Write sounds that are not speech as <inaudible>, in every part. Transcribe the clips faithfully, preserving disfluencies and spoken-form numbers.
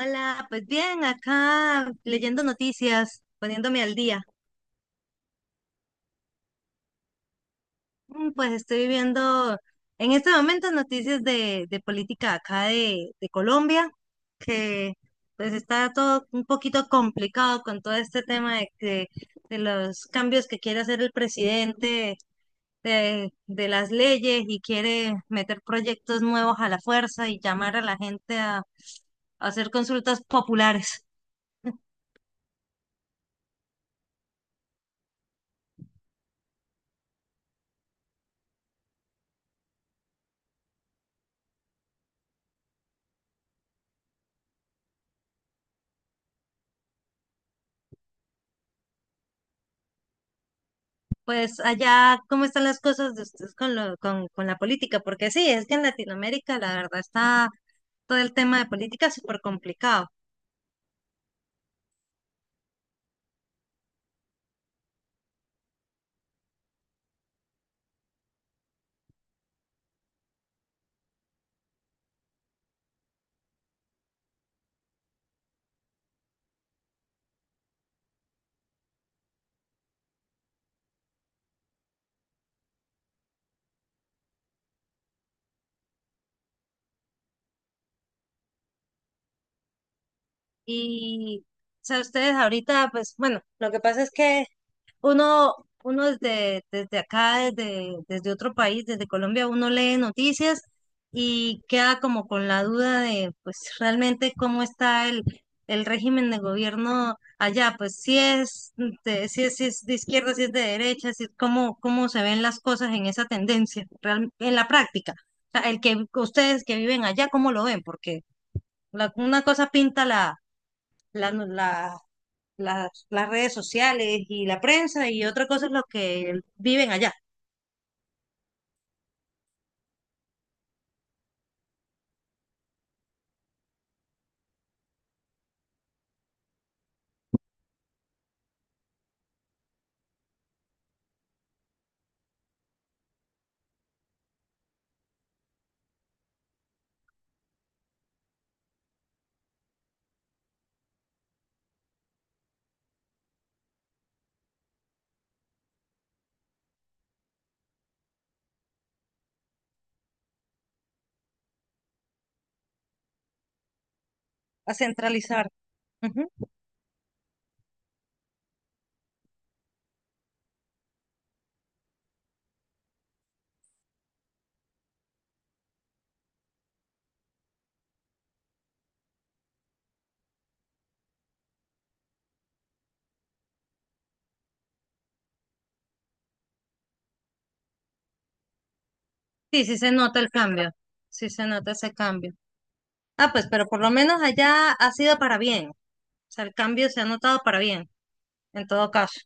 Hola, pues bien, acá leyendo noticias, poniéndome al día. Mm, Pues estoy viendo en este momento noticias de, de política acá de, de Colombia, que pues está todo un poquito complicado con todo este tema de, que- de los cambios que quiere hacer el presidente, de, de las leyes y quiere meter proyectos nuevos a la fuerza y llamar a la gente a a hacer consultas populares. Pues allá, ¿cómo están las cosas de ustedes con lo, con, con la política? Porque sí, es que en Latinoamérica la verdad está todo el tema de política súper complicado. Y, o sea, ustedes ahorita, pues bueno, lo que pasa es que Uno, uno desde, desde acá, desde, desde otro país, desde Colombia, uno lee noticias y queda como con la duda de, pues, realmente cómo está el, el régimen de gobierno allá, pues, si es de, si es, si es de izquierda, si es de derecha, si es cómo, cómo se ven las cosas en esa tendencia, real- en la práctica. O sea, el que ustedes que viven allá, ¿cómo lo ven? Porque la- una cosa pinta la, la, la, las, las redes sociales y la prensa y otra cosa es lo que viven allá, a centralizar. Ujú. Sí, sí se nota el cambio, sí se nota ese cambio. Ah, pues, pero por lo menos allá ha sido para bien, o sea, el cambio se ha notado para bien, en todo caso.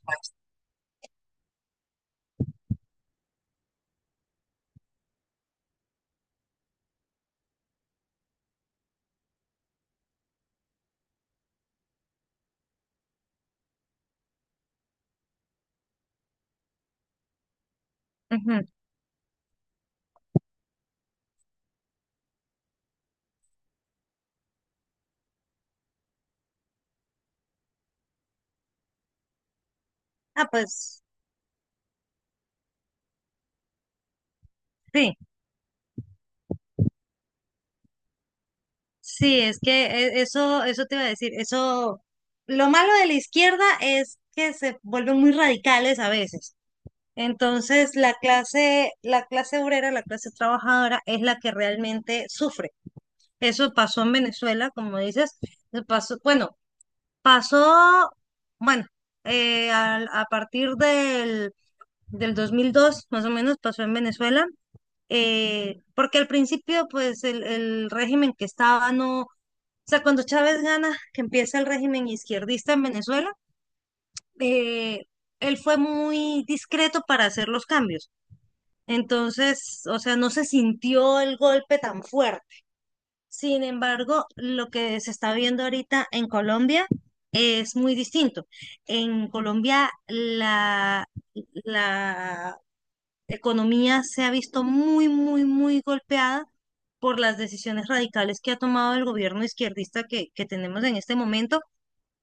Ujú. Ah, pues, sí, sí, es que e- eso, eso te iba a decir, eso, lo malo de la izquierda es que se vuelven muy radicales a veces. Entonces, la clase, la clase obrera, la clase trabajadora es la que realmente sufre. Eso pasó en Venezuela, como dices, eso pasó, bueno, pasó, bueno, eh, al- a, partir del, del dos mil dos, más o menos, pasó en Venezuela, eh, porque al principio, pues, el, el régimen que estaba no, o sea, cuando Chávez gana, que empieza el régimen izquierdista en Venezuela, eh, él fue muy discreto para hacer los cambios. Entonces, o sea, no se sintió el golpe tan fuerte. Sin embargo, lo que se está viendo ahorita en Colombia es muy distinto. En Colombia la, la economía se ha visto muy, muy, muy golpeada por las decisiones radicales que ha tomado el gobierno izquierdista que, que tenemos en este momento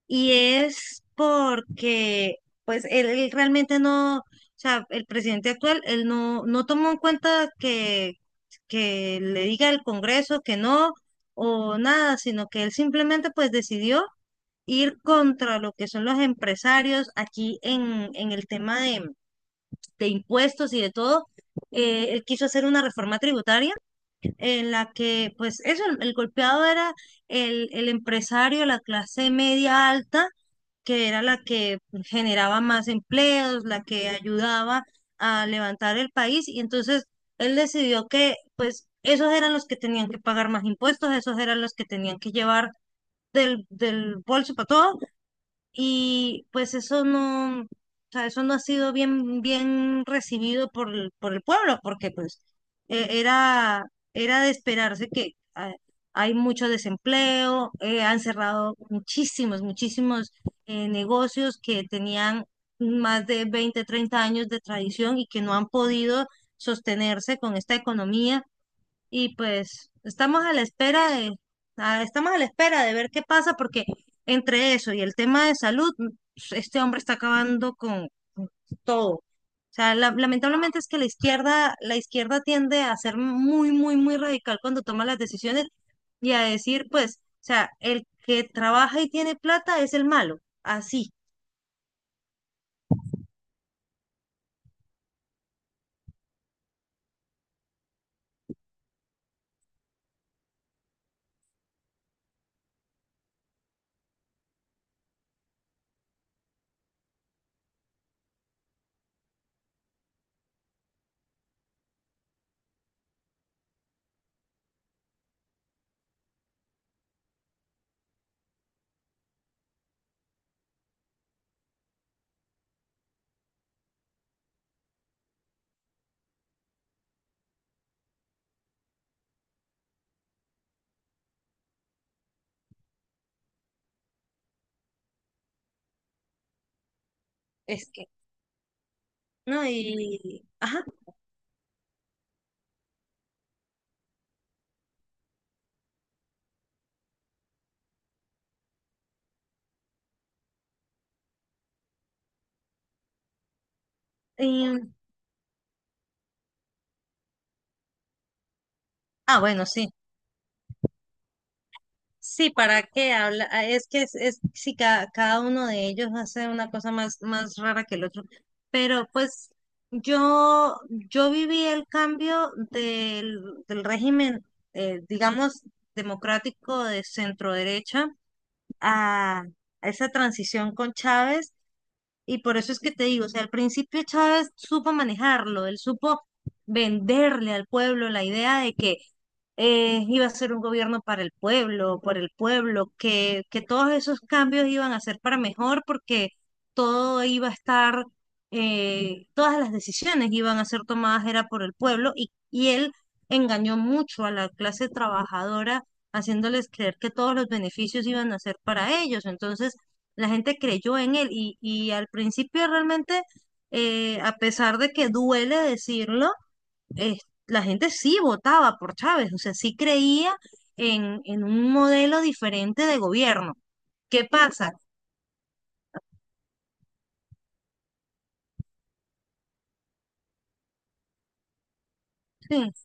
y es porque, pues, él, él realmente no, o sea, el presidente actual, él no, no tomó en cuenta que, que le diga al Congreso que no o nada, sino que él simplemente, pues, decidió ir contra lo que son los empresarios aquí en, en el tema de, de impuestos y de todo. Eh, él quiso hacer una reforma tributaria en la que, pues eso, el, el golpeado era el, el empresario, la clase media alta, que era la que generaba más empleos, la que ayudaba a levantar el país, y entonces él decidió que, pues, esos eran los que tenían que pagar más impuestos, esos eran los que tenían que llevar del, del bolso para todo, y pues eso no, o sea, eso no ha sido bien, bien recibido por, el- por el pueblo, porque pues e- era, era de esperarse que ah, hay mucho desempleo, eh, han cerrado muchísimos, muchísimos eh, negocios que tenían más de veinte treinta años de tradición y que no han podido sostenerse con esta economía y pues estamos a la espera de, a- estamos a la espera de ver qué pasa, porque entre eso y el tema de salud, mm, este hombre está acabando con, con todo. O sea, la- lamentablemente es que la izquierda, la izquierda tiende a ser muy, muy, muy radical cuando toma las decisiones y a decir, pues, o sea, el que trabaja y tiene plata es el malo. Así es que, ¿no? Y, ajá. Y, ah, bueno, sí. Sí, ¿para qué habla? Ah, es que es, es si cada, cada uno de ellos hace una cosa más, más rara que el otro. Pero pues yo, yo viví el cambio del, del régimen, eh, digamos, democrático de centro derecha a, a esa transición con Chávez. Y por eso es que te digo, o sea, al principio Chávez supo manejarlo, él supo venderle al pueblo la idea de que eh, iba a ser un gobierno para el pueblo, por el pueblo, que, que todos esos cambios iban a ser para mejor porque todo iba a estar, eh, todas las decisiones iban a ser tomadas era por el pueblo y, y él engañó mucho a la clase trabajadora haciéndoles creer que todos los beneficios iban a ser para ellos. Entonces la gente creyó en él y, y al principio realmente, eh, a pesar de que duele decirlo, eh, la gente sí votaba por Chávez, o sea, sí creía en, en un modelo diferente de gobierno. ¿Qué pasa? Sí.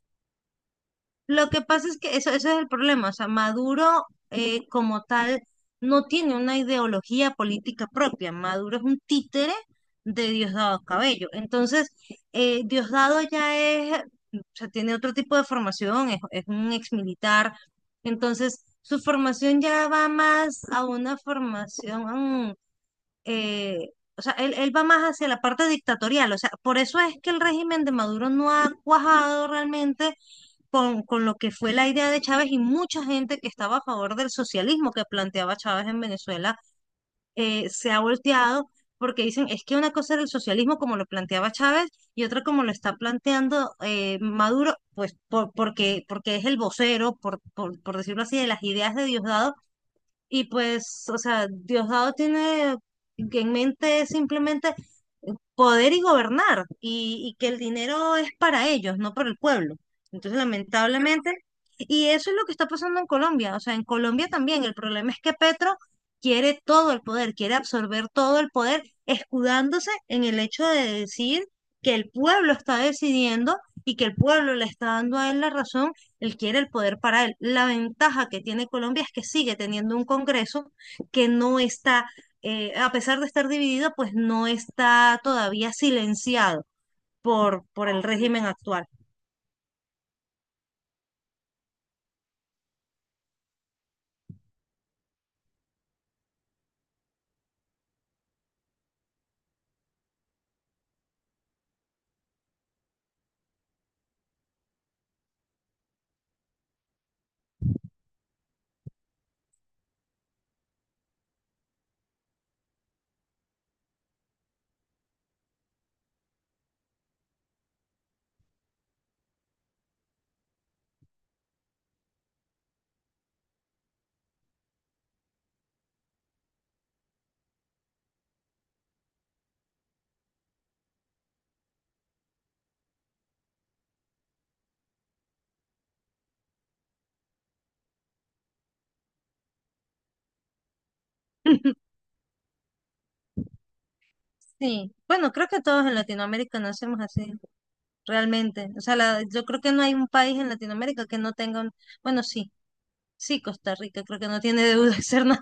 Lo que pasa es que eso, eso es el problema, o sea, Maduro eh, como tal no tiene una ideología política propia, Maduro es un títere de Diosdado Cabello, entonces eh, Diosdado ya es, o sea, tiene otro tipo de formación, es, es un exmilitar, entonces su formación ya va más a una formación eh, o sea, él, él va más hacia la parte dictatorial, o sea, por eso es que el régimen de Maduro no ha cuajado realmente con, con lo que fue la idea de Chávez y mucha gente que estaba a favor del socialismo que planteaba Chávez en Venezuela eh, se ha volteado porque dicen, es que una cosa era el socialismo como lo planteaba Chávez y otra como lo está planteando eh, Maduro, pues por, porque, porque es el vocero, por, por, por decirlo así, de las ideas de Diosdado y pues, o sea, Diosdado tiene en mente simplemente poder y gobernar y, y que el dinero es para ellos, no para el pueblo. Entonces, lamentablemente, y eso es lo que está pasando en Colombia. O sea, en Colombia también el problema es que Petro quiere todo el poder, quiere absorber todo el poder, escudándose en el hecho de decir que el pueblo está decidiendo y que el pueblo le está dando a él la razón, él quiere el poder para él. La ventaja que tiene Colombia es que sigue teniendo un Congreso que no está eh, a pesar de estar dividida, pues no está todavía silenciado por, por el régimen actual. <laughs> Sí, bueno, creo que todos en Latinoamérica nacemos así, realmente. O sea, la- yo creo que no hay un país en Latinoamérica que no tenga un... Bueno, sí, sí, Costa Rica creo que no tiene deuda externa.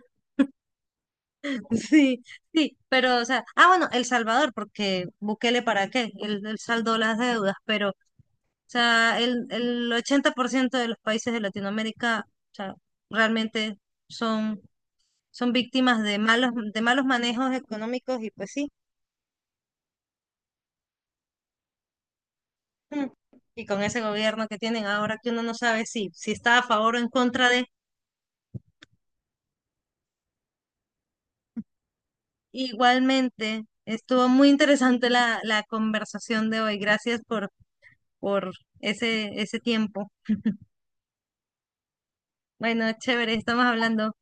<laughs> Sí, sí, pero, o sea, ah, bueno, El Salvador, porque Bukele para qué, él, él saldó las deudas, pero, o sea, el, el ochenta por ciento de los países de Latinoamérica, o sea, realmente son son víctimas de malos, de malos manejos económicos y pues sí, mm, y con ese gobierno que tienen ahora que uno no sabe si, si está a favor o en contra de, igualmente estuvo muy interesante la, la conversación de hoy. Gracias por, por ese, ese tiempo. Bueno, chévere, estamos hablando.